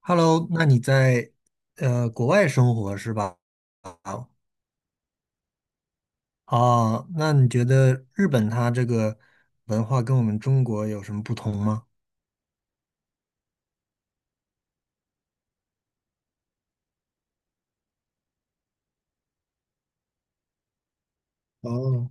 Hello，那你在国外生活是吧？啊，哦，那你觉得日本它这个文化跟我们中国有什么不同吗？哦，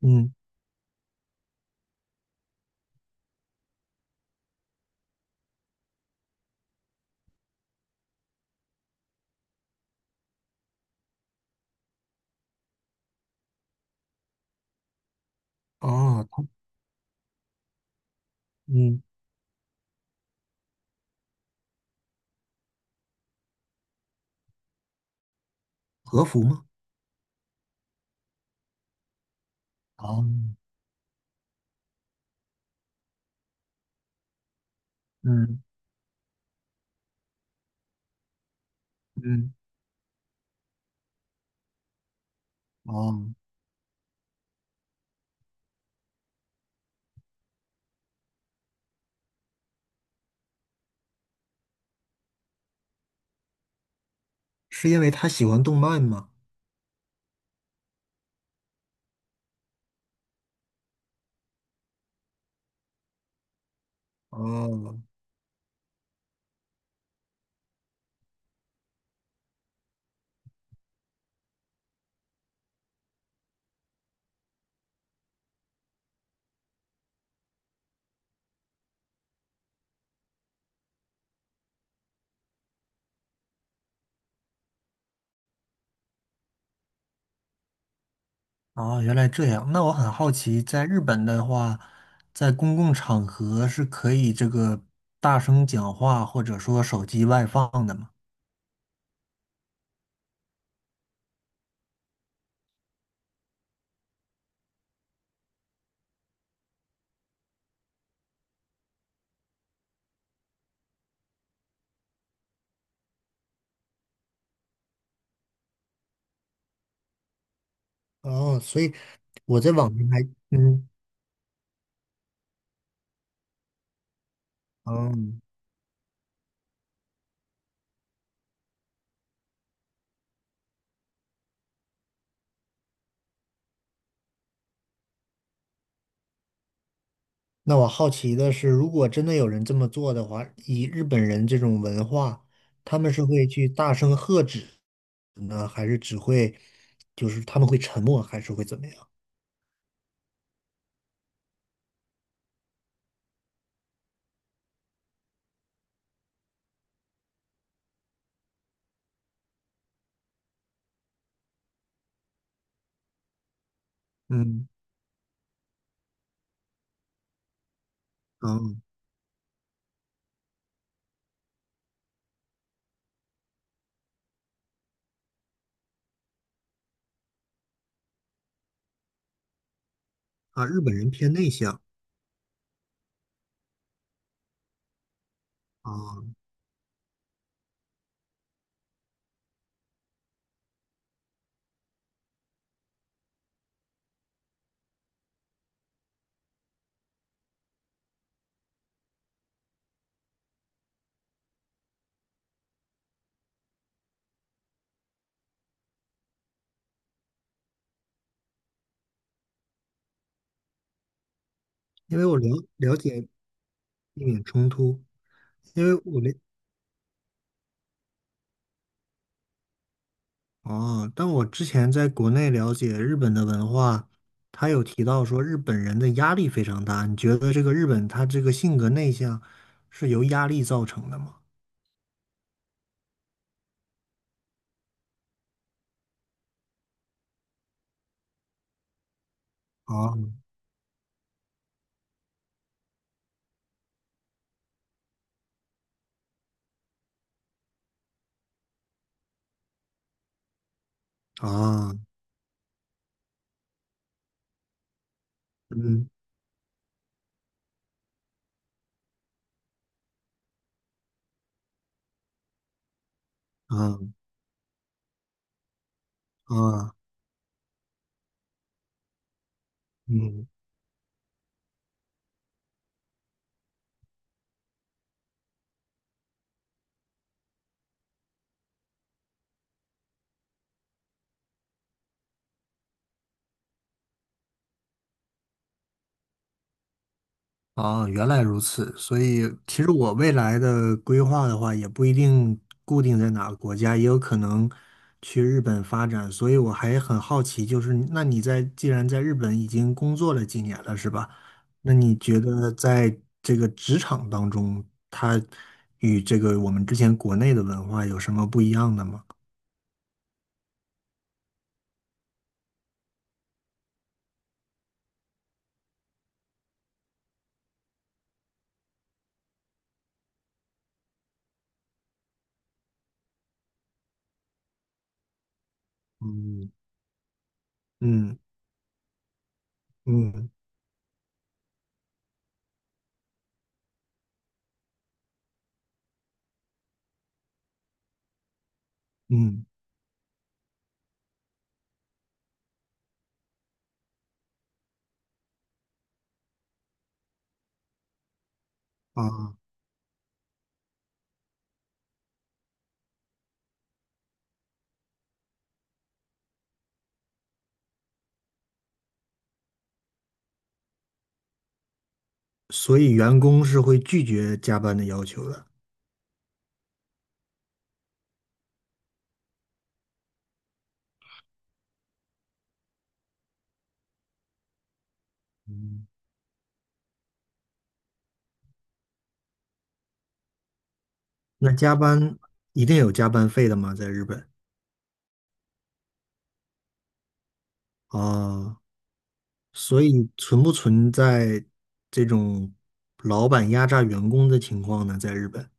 嗯，哦，嗯，和服吗？哦，嗯嗯，哦，是因为他喜欢动漫吗？哦，哦，原来这样。那我很好奇，在日本的话，在公共场合是可以这个大声讲话，或者说手机外放的吗？哦，所以我在网上还，嗯，哦，那我好奇的是，如果真的有人这么做的话，以日本人这种文化，他们是会去大声喝止呢，还是只会，就是他们会沉默，还是会怎么样？嗯，哦，啊，日本人偏内向啊，因为我了解避免冲突，因为我了哦，但我之前在国内了解日本的文化，他有提到说日本人的压力非常大。你觉得这个日本他这个性格内向是由压力造成的吗？啊啊，嗯啊啊嗯。哦，原来如此。所以，其实我未来的规划的话，也不一定固定在哪个国家，也有可能去日本发展。所以，我还很好奇，就是那你在既然在日本已经工作了几年了，是吧？那你觉得在这个职场当中，它与这个我们之前国内的文化有什么不一样的吗？嗯嗯嗯嗯啊，所以员工是会拒绝加班的要求的。嗯。那加班一定有加班费的吗？在日本啊，所以存不存在这种老板压榨员工的情况呢？在日本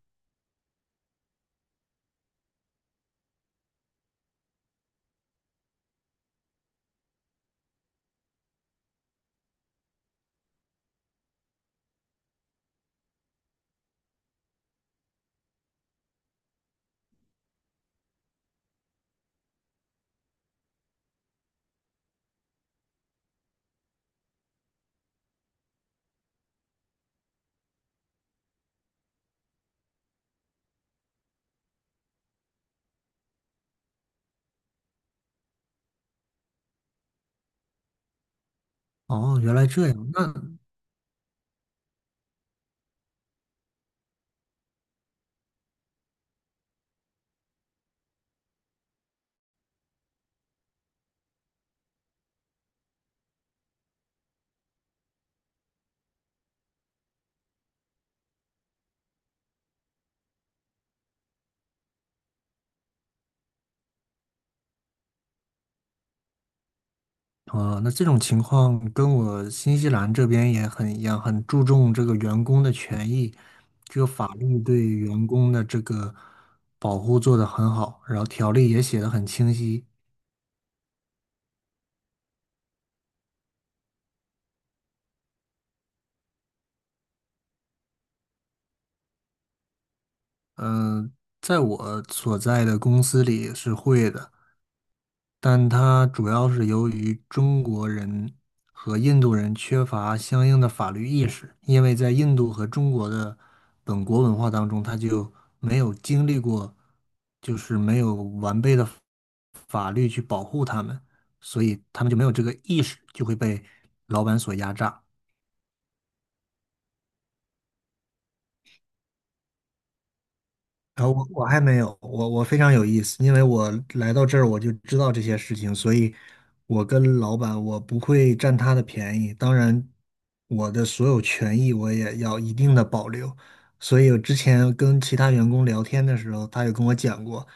哦，原来这样。那啊，那这种情况跟我新西兰这边也很一样，很注重这个员工的权益，这个法律对员工的这个保护做得很好，然后条例也写得很清晰。嗯、在我所在的公司里是会的。但它主要是由于中国人和印度人缺乏相应的法律意识，因为在印度和中国的本国文化当中，他就没有经历过，就是没有完备的法律去保护他们，所以他们就没有这个意识，就会被老板所压榨。啊，我还没有，我非常有意思，因为我来到这儿我就知道这些事情，所以我跟老板我不会占他的便宜，当然我的所有权益我也要一定的保留。所以我之前跟其他员工聊天的时候，他也跟我讲过，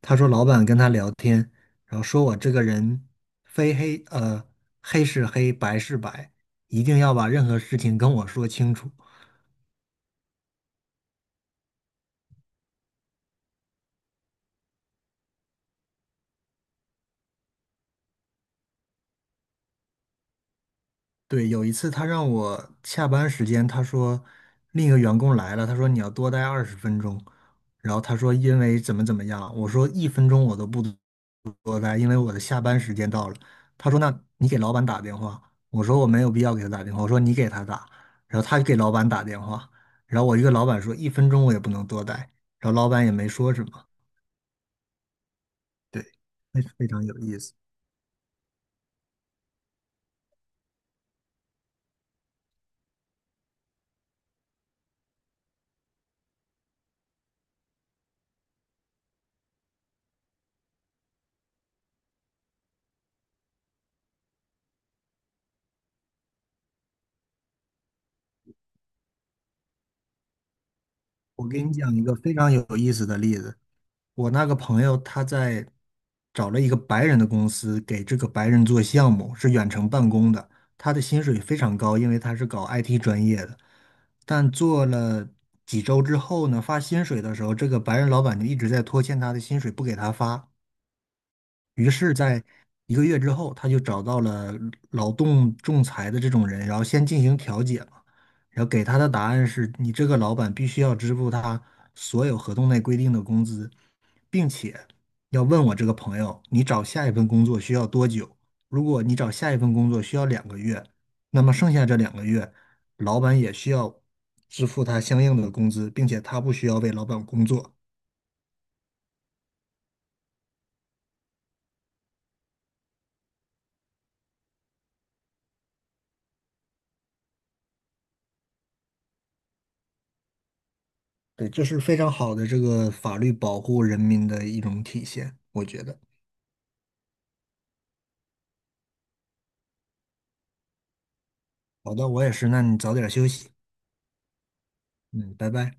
他说老板跟他聊天，然后说我这个人非黑呃黑是黑白是白，一定要把任何事情跟我说清楚。对，有一次他让我下班时间，他说另一个员工来了，他说你要多待20分钟，然后他说因为怎么怎么样，我说一分钟我都不多待，因为我的下班时间到了。他说那你给老板打电话，我说我没有必要给他打电话，我说你给他打，然后他给老板打电话，然后我一个老板说一分钟我也不能多待，然后老板也没说什么，对，非常有意思。我给你讲一个非常有意思的例子。我那个朋友他在找了一个白人的公司，给这个白人做项目，是远程办公的。他的薪水非常高，因为他是搞 IT 专业的。但做了几周之后呢，发薪水的时候，这个白人老板就一直在拖欠他的薪水，不给他发。于是，在1个月之后，他就找到了劳动仲裁的这种人，然后先进行调解嘛。然后给他的答案是你这个老板必须要支付他所有合同内规定的工资，并且要问我这个朋友，你找下一份工作需要多久？如果你找下一份工作需要两个月，那么剩下这两个月，老板也需要支付他相应的工资，并且他不需要为老板工作。对，这是非常好的这个法律保护人民的一种体现，我觉得。好的，我也是，那你早点休息。嗯，拜拜。